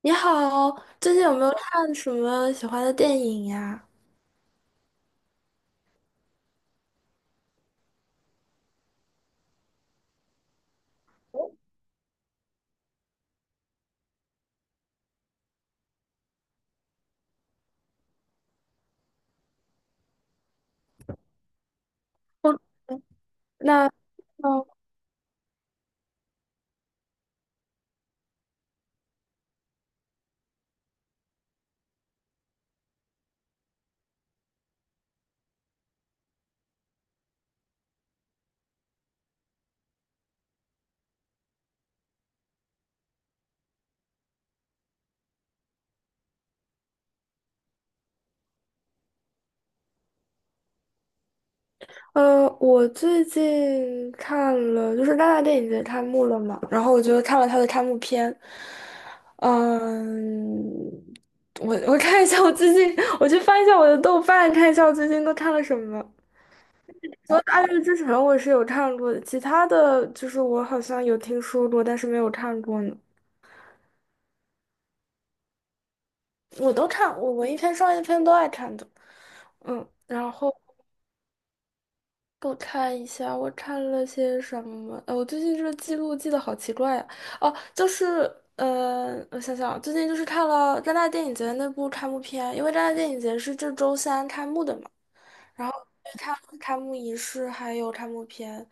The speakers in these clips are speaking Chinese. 你好，最近有没有看什么喜欢的电影呀？我那哦呃，我最近看了，就是戛纳电影节开幕了嘛，然后我就看了它的开幕片。嗯，我看一下我最近，我去翻一下我的豆瓣，看一下我最近都看了什么。除了《爱乐之城》，我是有看过的，其他的就是我好像有听说过，但是没有看过呢。我都看，我文艺片、商业片都爱看的。然后我看一下，我看了些什么？我最近这个记录记得好奇怪呀。哦，就是我想想啊，最近就是看了戛纳电影节那部开幕片，因为戛纳电影节是这周三开幕的嘛，然后看开幕仪式还有开幕片，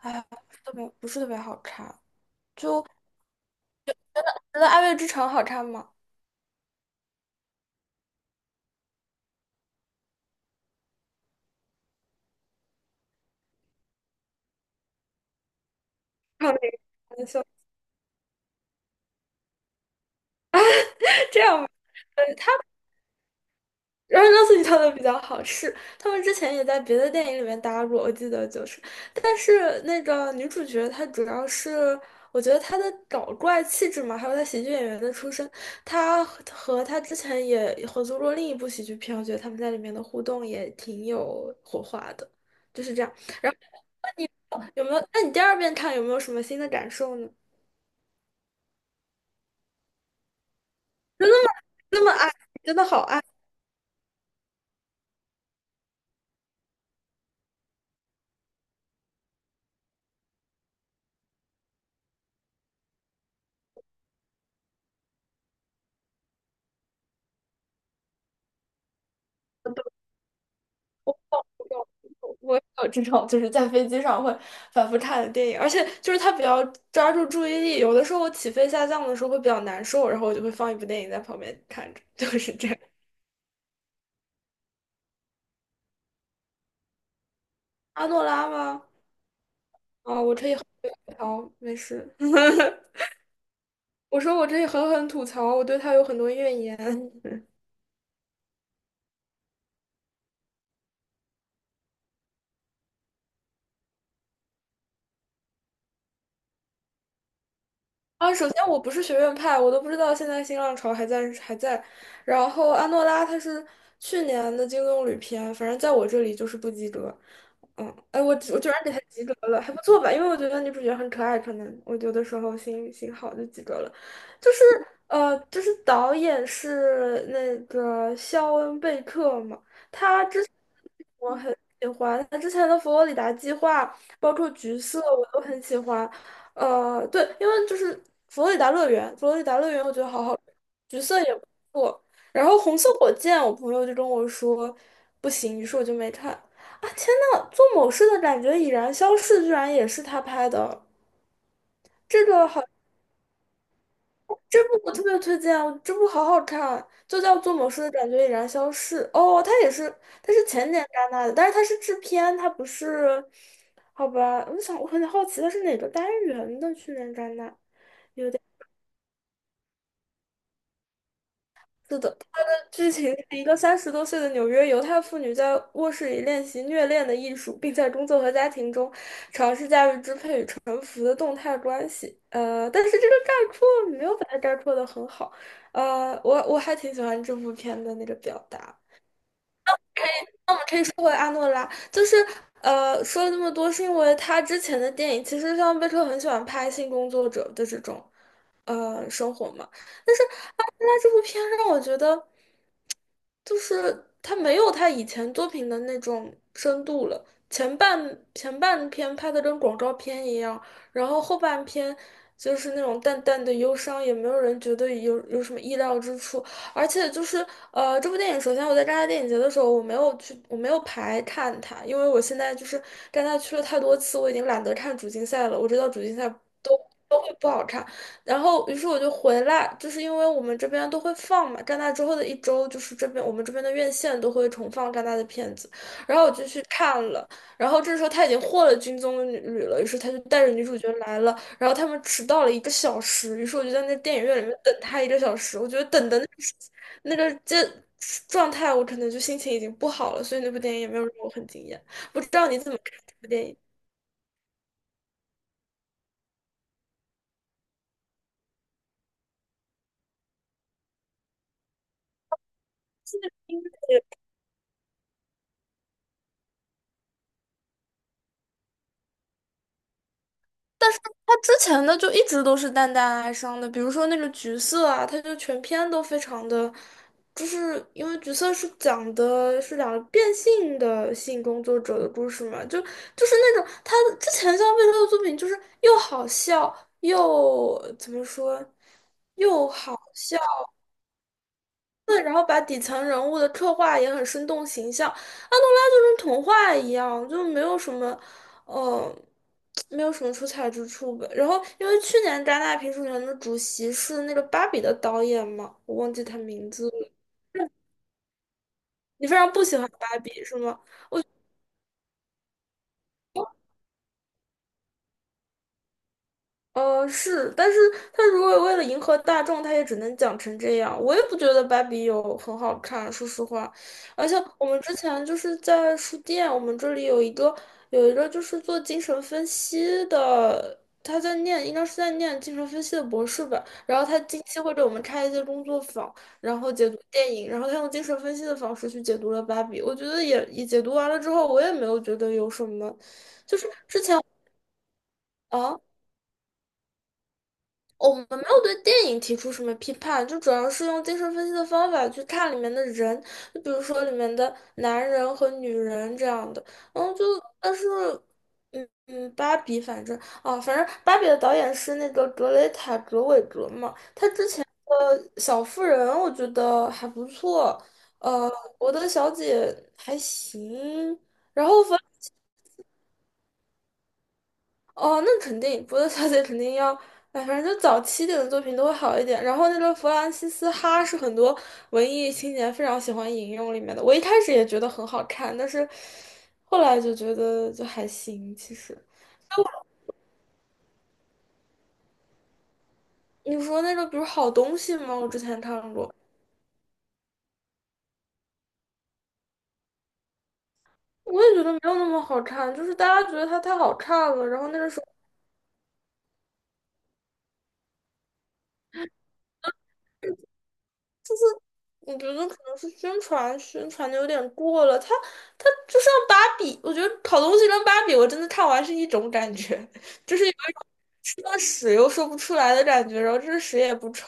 哎，不是特别好看。就觉得《爱乐之城》好看吗？开玩笑，这样吧。然后肉自己跳的比较好是他们之前也在别的电影里面搭过，我记得就是，但是那个女主角她主要是，我觉得她的搞怪气质嘛，还有她喜剧演员的出身，她和她之前也合作过另一部喜剧片，我觉得他们在里面的互动也挺有火花的，就是这样。有没有？那你第二遍看有没有什么新的感受呢？真的那么爱，真的好爱。有，我有这种就是在飞机上会反复看的电影，而且就是它比较抓住注意力，有的时候我起飞下降的时候会比较难受，然后我就会放一部电影在旁边看着，就是这样。阿诺拉吗？我这里很吐槽，没事。我说我可以狠狠吐槽，我对他有很多怨言。首先我不是学院派，我都不知道现在新浪潮还在。然后安诺拉他是去年的金棕榈片，反正在我这里就是不及格。我居然给他及格了，还不错吧？因为我觉得女主角很可爱，可能我有的时候心心好就及格了。就是就是导演是那个肖恩贝克嘛，他之。我很喜欢他之前的佛罗里达计划，包括橘色，我都很喜欢。对，因为就是佛罗里达乐园我觉得好好看，橘色也不错。然后红色火箭，我朋友就跟我说不行，于是我就没看。啊，天呐，做某事的感觉已然消逝，居然也是他拍的，这个好。这部我特别推荐啊，这部好好看啊，就叫《做某事的感觉已然消逝》。哦，它也是，它是前年戛纳的，但是它是制片，它不是，好吧？我想我很好奇它是哪个单元的去年戛纳？是的，它的剧情是一个30多岁的纽约犹太妇女在卧室里练习虐恋的艺术，并在工作和家庭中尝试驾驭支配与臣服的动态关系。但是这个概括没有把它概括的很好。我还挺喜欢这部片的那个表达。是为阿诺拉，就是说了这么多，是因为他之前的电影，其实像贝克很喜欢拍性工作者的这种生活嘛，但是阿诺拉这部片让我觉得，就是他没有他以前作品的那种深度了。前半篇拍的跟广告片一样，然后后半篇就是那种淡淡的忧伤，也没有人觉得有什么意料之处。而且就是这部电影首先我在戛纳电影节的时候，我没有去，我没有排看它，因为我现在就是戛纳去了太多次，我已经懒得看主竞赛了。我知道主竞赛都都会不好看，然后于是我就回来，就是因为我们这边都会放嘛，戛纳之后的1周，就是这边我们这边的院线都会重放戛纳的片子，然后我就去看了。然后这时候他已经获了金棕榈了，于是他就带着女主角来了。然后他们迟到了一个小时，于是我就在那电影院里面等他一个小时。我觉得等的那个时那个这状态，我可能就心情已经不好了，所以那部电影也没有让我很惊艳。不知道你怎么看这部电影？他之前的就一直都是淡淡哀伤的，比如说那个《橘色》啊，他就全篇都非常的，就是因为《橘色》是讲的是2个变性的性工作者的故事嘛，就是那种他之前像魏洲的作品，就是又好笑又怎么说，又好笑。对，然后把底层人物的刻画也很生动形象。安东拉就跟童话一样，就没有什么，呃，没有什么出彩之处吧。然后，因为去年戛纳评审团的主席是那个《芭比》的导演嘛，我忘记他名字了。你非常不喜欢芭比是吗？是，但是他如果为了迎合大众，他也只能讲成这样。我也不觉得芭比有很好看，说实话。而且我们之前就是在书店，我们这里有一个就是做精神分析的，他在念，应该是在念精神分析的博士吧。然后他近期会给我们开一些工作坊，然后解读电影，然后他用精神分析的方式去解读了芭比。我觉得也解读完了之后，我也没有觉得有什么。之前啊。哦我们没有对电影提出什么批判，就主要是用精神分析的方法去看里面的人，就比如说里面的男人和女人这样的。然后就但是，嗯嗯，芭比反正芭比的导演是那个格雷塔·格韦格嘛。小妇人我觉得还不错，呃，我的小姐还行。然后反。哦，那肯定，波德小姐肯定要，哎，反正就早期点的作品都会好一点。然后那个弗兰西斯哈是很多文艺青年非常喜欢引用里面的，我一开始也觉得很好看，但是后来就觉得就还行。其实你说那个，比如好东西吗？我之前看过，我也觉得没有那么好看，就是大家觉得它太好看了，然后那个时候。我觉得可能是宣传宣传的有点过了，它就像芭比，我觉得好东西跟芭比，我真的看完是一种感觉，就是有一种吃了屎又说不出来的感觉，然后这屎也不臭。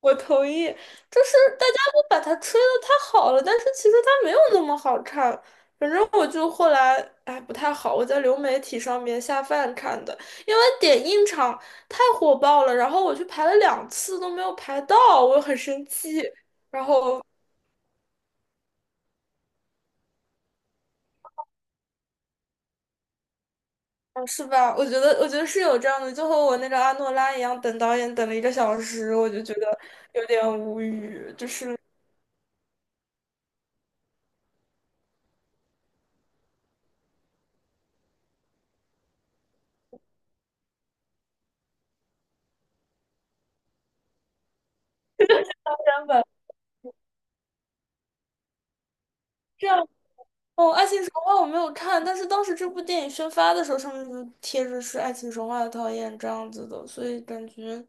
我同意，就是大家都把它吹得太好了，但是其实它没有那么好看。反正我就后来，哎，不太好，我在流媒体上面下饭看的，因为点映场太火爆了，然后我去排了2次都没有排到，我很生气。然后哦，是吧？我觉得,是有这样的，就和我那个阿诺拉一样，等导演等了一个小时，我就觉得有点无语。就是原吧，这样哦，《爱情神话》我没有看，但是当时这部电影宣发的时候，上面就贴着是《爱情神话》的导演这样子的，所以感觉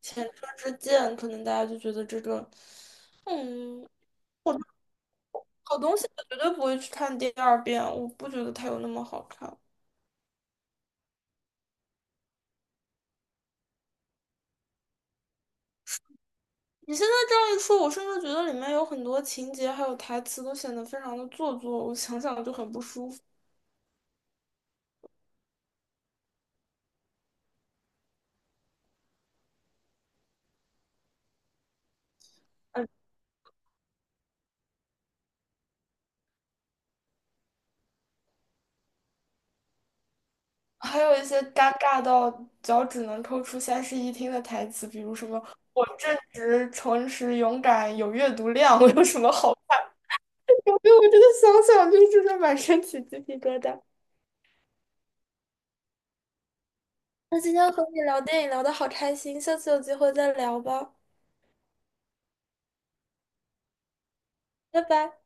前车之鉴，可能大家就觉得这个，嗯，我好东西我绝对不会去看第二遍，我不觉得它有那么好看。你现在这样一说，我甚至觉得里面有很多情节还有台词都显得非常的做作，我想想就很不舒服。嗯，还有一些尴尬到脚趾能抠出三室一厅的台词，比如什么"我正直、诚实、勇敢，有阅读量，我有什么好处？" 我真的想想就是的满身起鸡皮疙瘩。那今天和你聊电影聊得好开心，下次有机会再聊吧，拜拜。